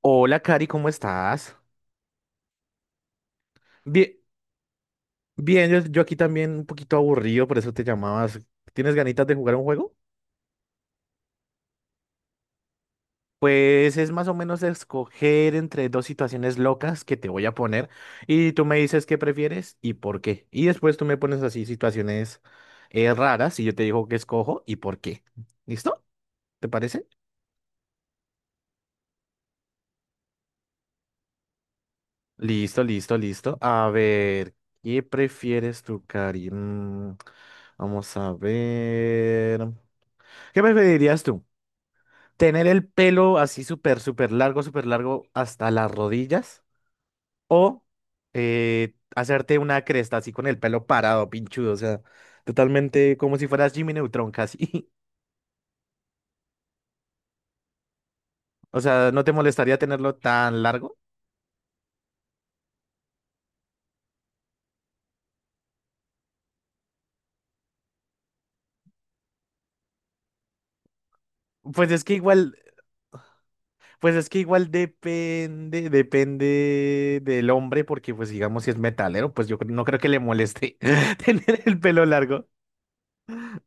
Hola, Cari, ¿cómo estás? Bien, bien, yo aquí también un poquito aburrido, por eso te llamabas. ¿Tienes ganitas de jugar un juego? Pues es más o menos escoger entre dos situaciones locas que te voy a poner y tú me dices qué prefieres y por qué. Y después tú me pones así situaciones raras y yo te digo qué escojo y por qué. ¿Listo? ¿Te parece? Listo, listo, listo. A ver, ¿qué prefieres tú, Cari? Vamos a ver. ¿Qué preferirías tú? Tener el pelo así súper, súper largo hasta las rodillas. O hacerte una cresta así con el pelo parado, pinchudo. O sea, totalmente como si fueras Jimmy Neutron casi. O sea, ¿no te molestaría tenerlo tan largo? Pues es que igual, pues es que igual, depende del hombre, porque pues digamos si es metalero, pues no creo que le moleste tener el pelo largo.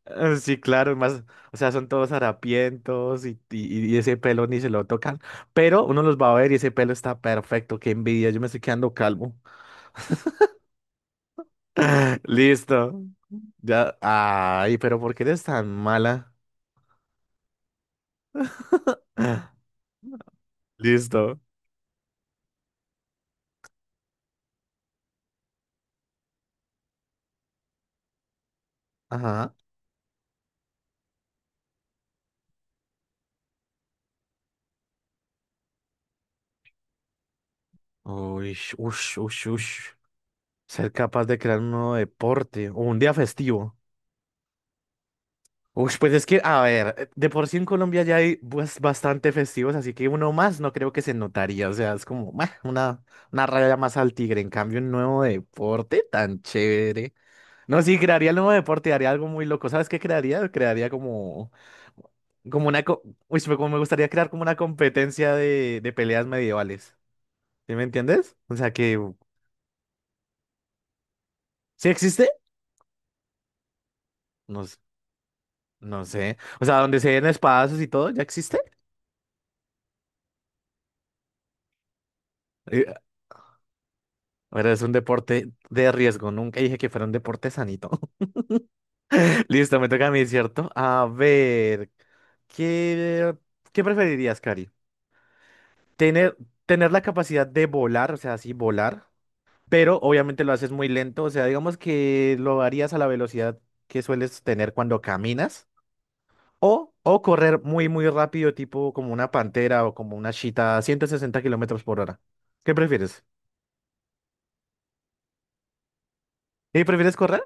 Sí, claro, más, o sea, son todos harapientos y ese pelo ni se lo tocan, pero uno los va a ver y ese pelo está perfecto, qué envidia, yo me estoy quedando calvo. Listo. Ya, ay, pero ¿por qué eres tan mala? Listo. Ajá. Uy, ush, ush, ush. Ser capaz de crear un nuevo deporte o un día festivo. Uy, pues es que, a ver, de por sí en Colombia ya hay pues, bastante festivos, así que uno más no creo que se notaría, o sea, es como meh, una raya más al tigre, en cambio un nuevo deporte tan chévere. No, sí, crearía el nuevo deporte, haría algo muy loco, ¿sabes qué crearía? Crearía como una, co- uy, pero como me gustaría crear como una competencia de peleas medievales, ¿sí me entiendes? O sea que, ¿sí existe? No, no sé, o sea, donde se den espadazos y todo, ¿ya existe? Eh, Ahora es un deporte de riesgo. Nunca dije que fuera un deporte sanito. Listo, me toca a mí, ¿cierto? A ver, ¿qué, qué preferirías, Cari? Tener, tener la capacidad de volar, o sea, así volar, pero obviamente lo haces muy lento, o sea, digamos que lo harías a la velocidad que sueles tener cuando caminas, o correr muy, muy rápido, tipo como una pantera o como una chita a 160 kilómetros por hora. ¿Qué prefieres? ¿Y prefieres correr?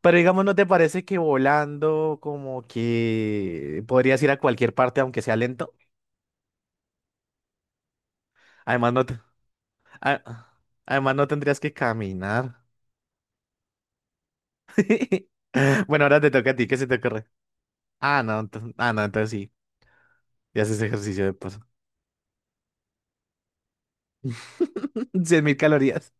Pero digamos, ¿no te parece que volando como que podrías ir a cualquier parte aunque sea lento? Además, no, a- además no tendrías que caminar. Bueno, ahora te toca a ti, ¿qué se te ocurre? Ah, no, entonces sí, ya haces ejercicio de paso. 100.000 calorías.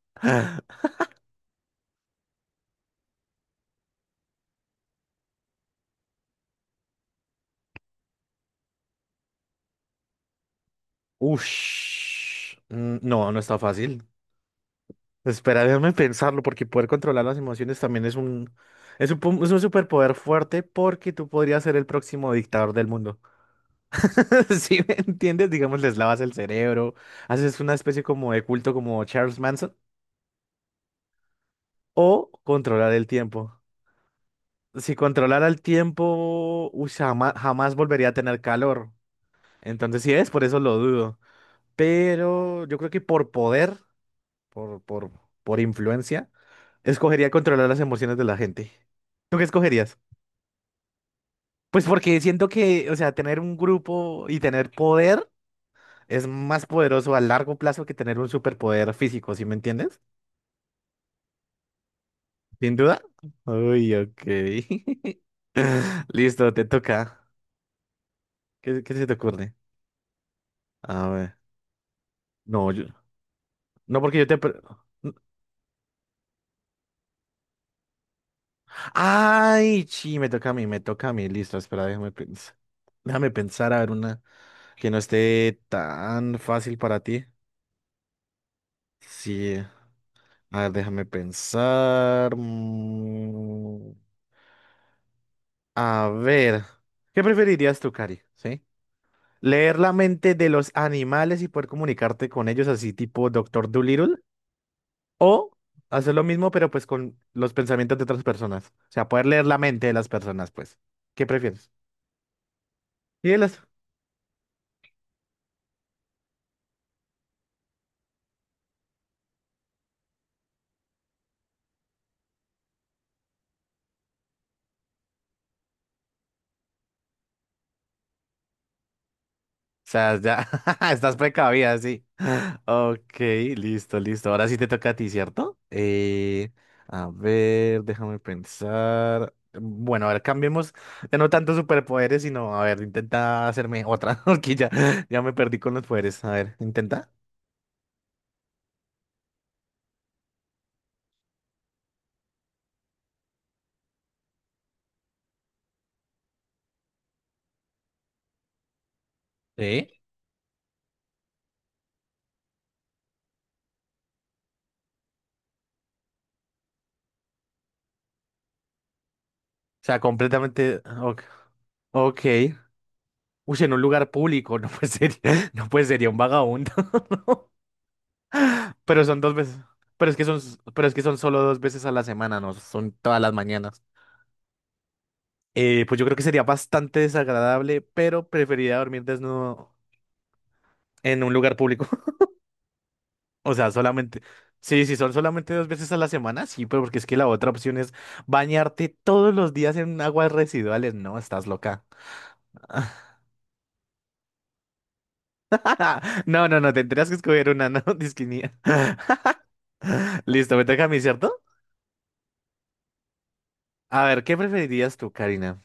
Ush. Mm, No, no está fácil. Espera, déjame pensarlo porque poder controlar las emociones también es un, es un superpoder fuerte porque tú podrías ser el próximo dictador del mundo. ¿Si me entiendes? Digamos, les lavas el cerebro, haces una especie como de culto como Charles Manson, o controlar el tiempo. Si controlara el tiempo, uy, jamás, jamás volvería a tener calor. Entonces, sí es, por eso lo dudo. Pero yo creo que por poder, por, por, por influencia, escogería controlar las emociones de la gente. ¿Tú qué escogerías? Pues porque siento que, o sea, tener un grupo y tener poder es más poderoso a largo plazo que tener un superpoder físico, ¿sí me entiendes? ¿Sin duda? Uy, ok. Listo, te toca. ¿Qué se te ocurre? A ver. No, yo. No, porque yo te Ay, sí, me toca a mí, me toca a mí. Listo, espera, déjame pensar. Déjame pensar, a ver, una que no esté tan fácil para ti. Sí. A ver, déjame pensar. A ver. ¿Qué preferirías tú, Cari? ¿Sí? Leer la mente de los animales y poder comunicarte con ellos, así tipo Doctor Dolittle, o hacer lo mismo, pero pues con los pensamientos de otras personas. O sea, poder leer la mente de las personas, pues. ¿Qué prefieres? Y de las... O sea, ya estás precavida, sí. Ok, listo, listo. Ahora sí te toca a ti, ¿cierto? A ver, déjame pensar. Bueno, a ver, cambiemos de no tanto superpoderes, sino, a ver, intenta hacerme otra, porque ya, me perdí con los poderes. A ver, intenta. Sí. O sea, completamente. Ok. Ok. Uy, en un lugar público, no puede ser, no puede sería un vagabundo. Pero son dos veces. Pero es que son, pero es que son solo dos veces a la semana, no son todas las mañanas. Pues yo creo que sería bastante desagradable, pero preferiría dormir desnudo en un lugar público. O sea, solamente. Sí, si son solamente dos veces a la semana, sí, pero porque es que la otra opción es bañarte todos los días en aguas residuales. No, estás loca. No, no, no, tendrías que escoger una, no, Listo, me toca a mí, ¿cierto? A ver, ¿qué preferirías tú, Karina?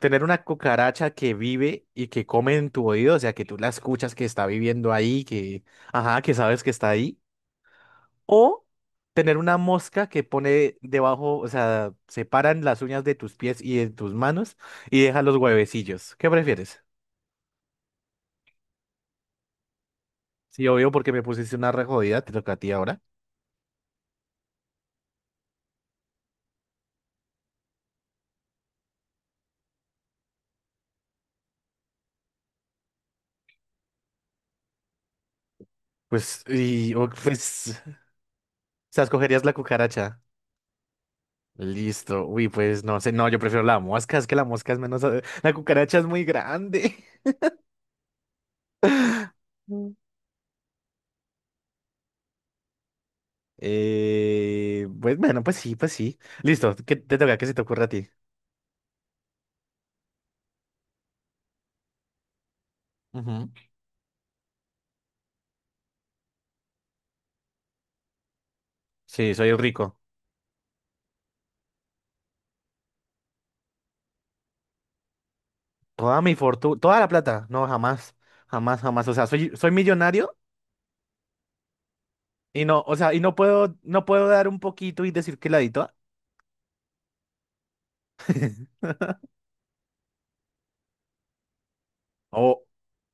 ¿Tener una cucaracha que vive y que come en tu oído? O sea, que tú la escuchas que está viviendo ahí, que, ajá, que sabes que está ahí. ¿O tener una mosca que pone debajo, o sea, separan las uñas de tus pies y de tus manos y deja los huevecillos? ¿Qué prefieres? Sí, obvio, porque me pusiste una re jodida, te toca a ti ahora. Pues, o sea, escogerías la cucaracha. Listo. Uy, pues no sé, no, yo prefiero la mosca, es que la mosca es menos. La cucaracha es muy grande. Mm. Pues bueno, pues sí, pues sí. Listo, ¿qué te toca? ¿Qué se te ocurre a ti? Ujú. Sí, soy rico. Toda mi fortuna, toda la plata. No, jamás, jamás, jamás. O sea, soy millonario y no, o sea, y no puedo, no puedo dar un poquito y decir que la di toda. O,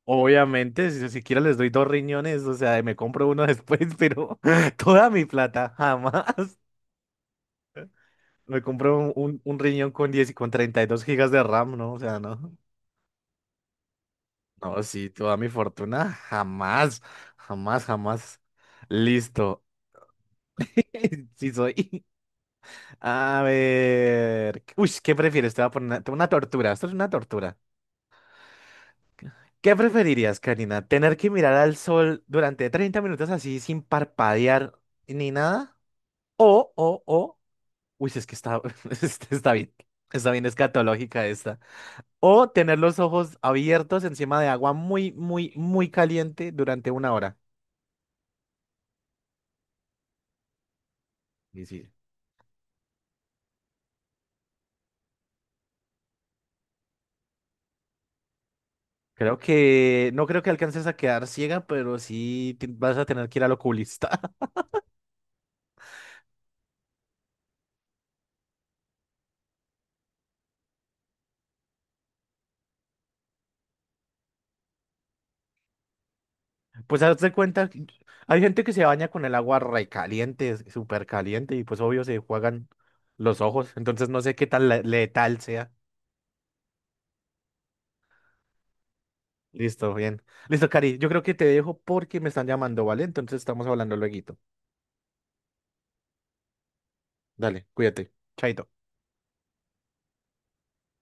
obviamente, si siquiera les doy dos riñones, o sea, me compro uno después, pero toda mi plata, jamás. Me compré un, un riñón con 10 y con 32 gigas de RAM, ¿no? O sea, no. No, sí, toda mi fortuna. Jamás, jamás, jamás. Listo. Sí soy. A ver. Uy, ¿qué prefieres? Te voy a poner una tortura. Esto es una tortura. ¿Qué preferirías, Karina? ¿Tener que mirar al sol durante 30 minutos así sin parpadear ni nada? O. Uy, es que está, está bien. Está bien escatológica. O tener los ojos abiertos encima de agua muy, muy, muy caliente durante una hora. Y sí, creo que no creo que alcances a quedar ciega, pero sí vas a tener que ir al oculista. Pues hazte cuenta, que hay gente que se baña con el agua re caliente, súper caliente, y pues obvio se juegan los ojos. Entonces no sé qué tan letal sea. Listo, bien. Listo, Cari, yo creo que te dejo porque me están llamando, ¿vale? Entonces estamos hablando lueguito. Dale, cuídate. Chaito.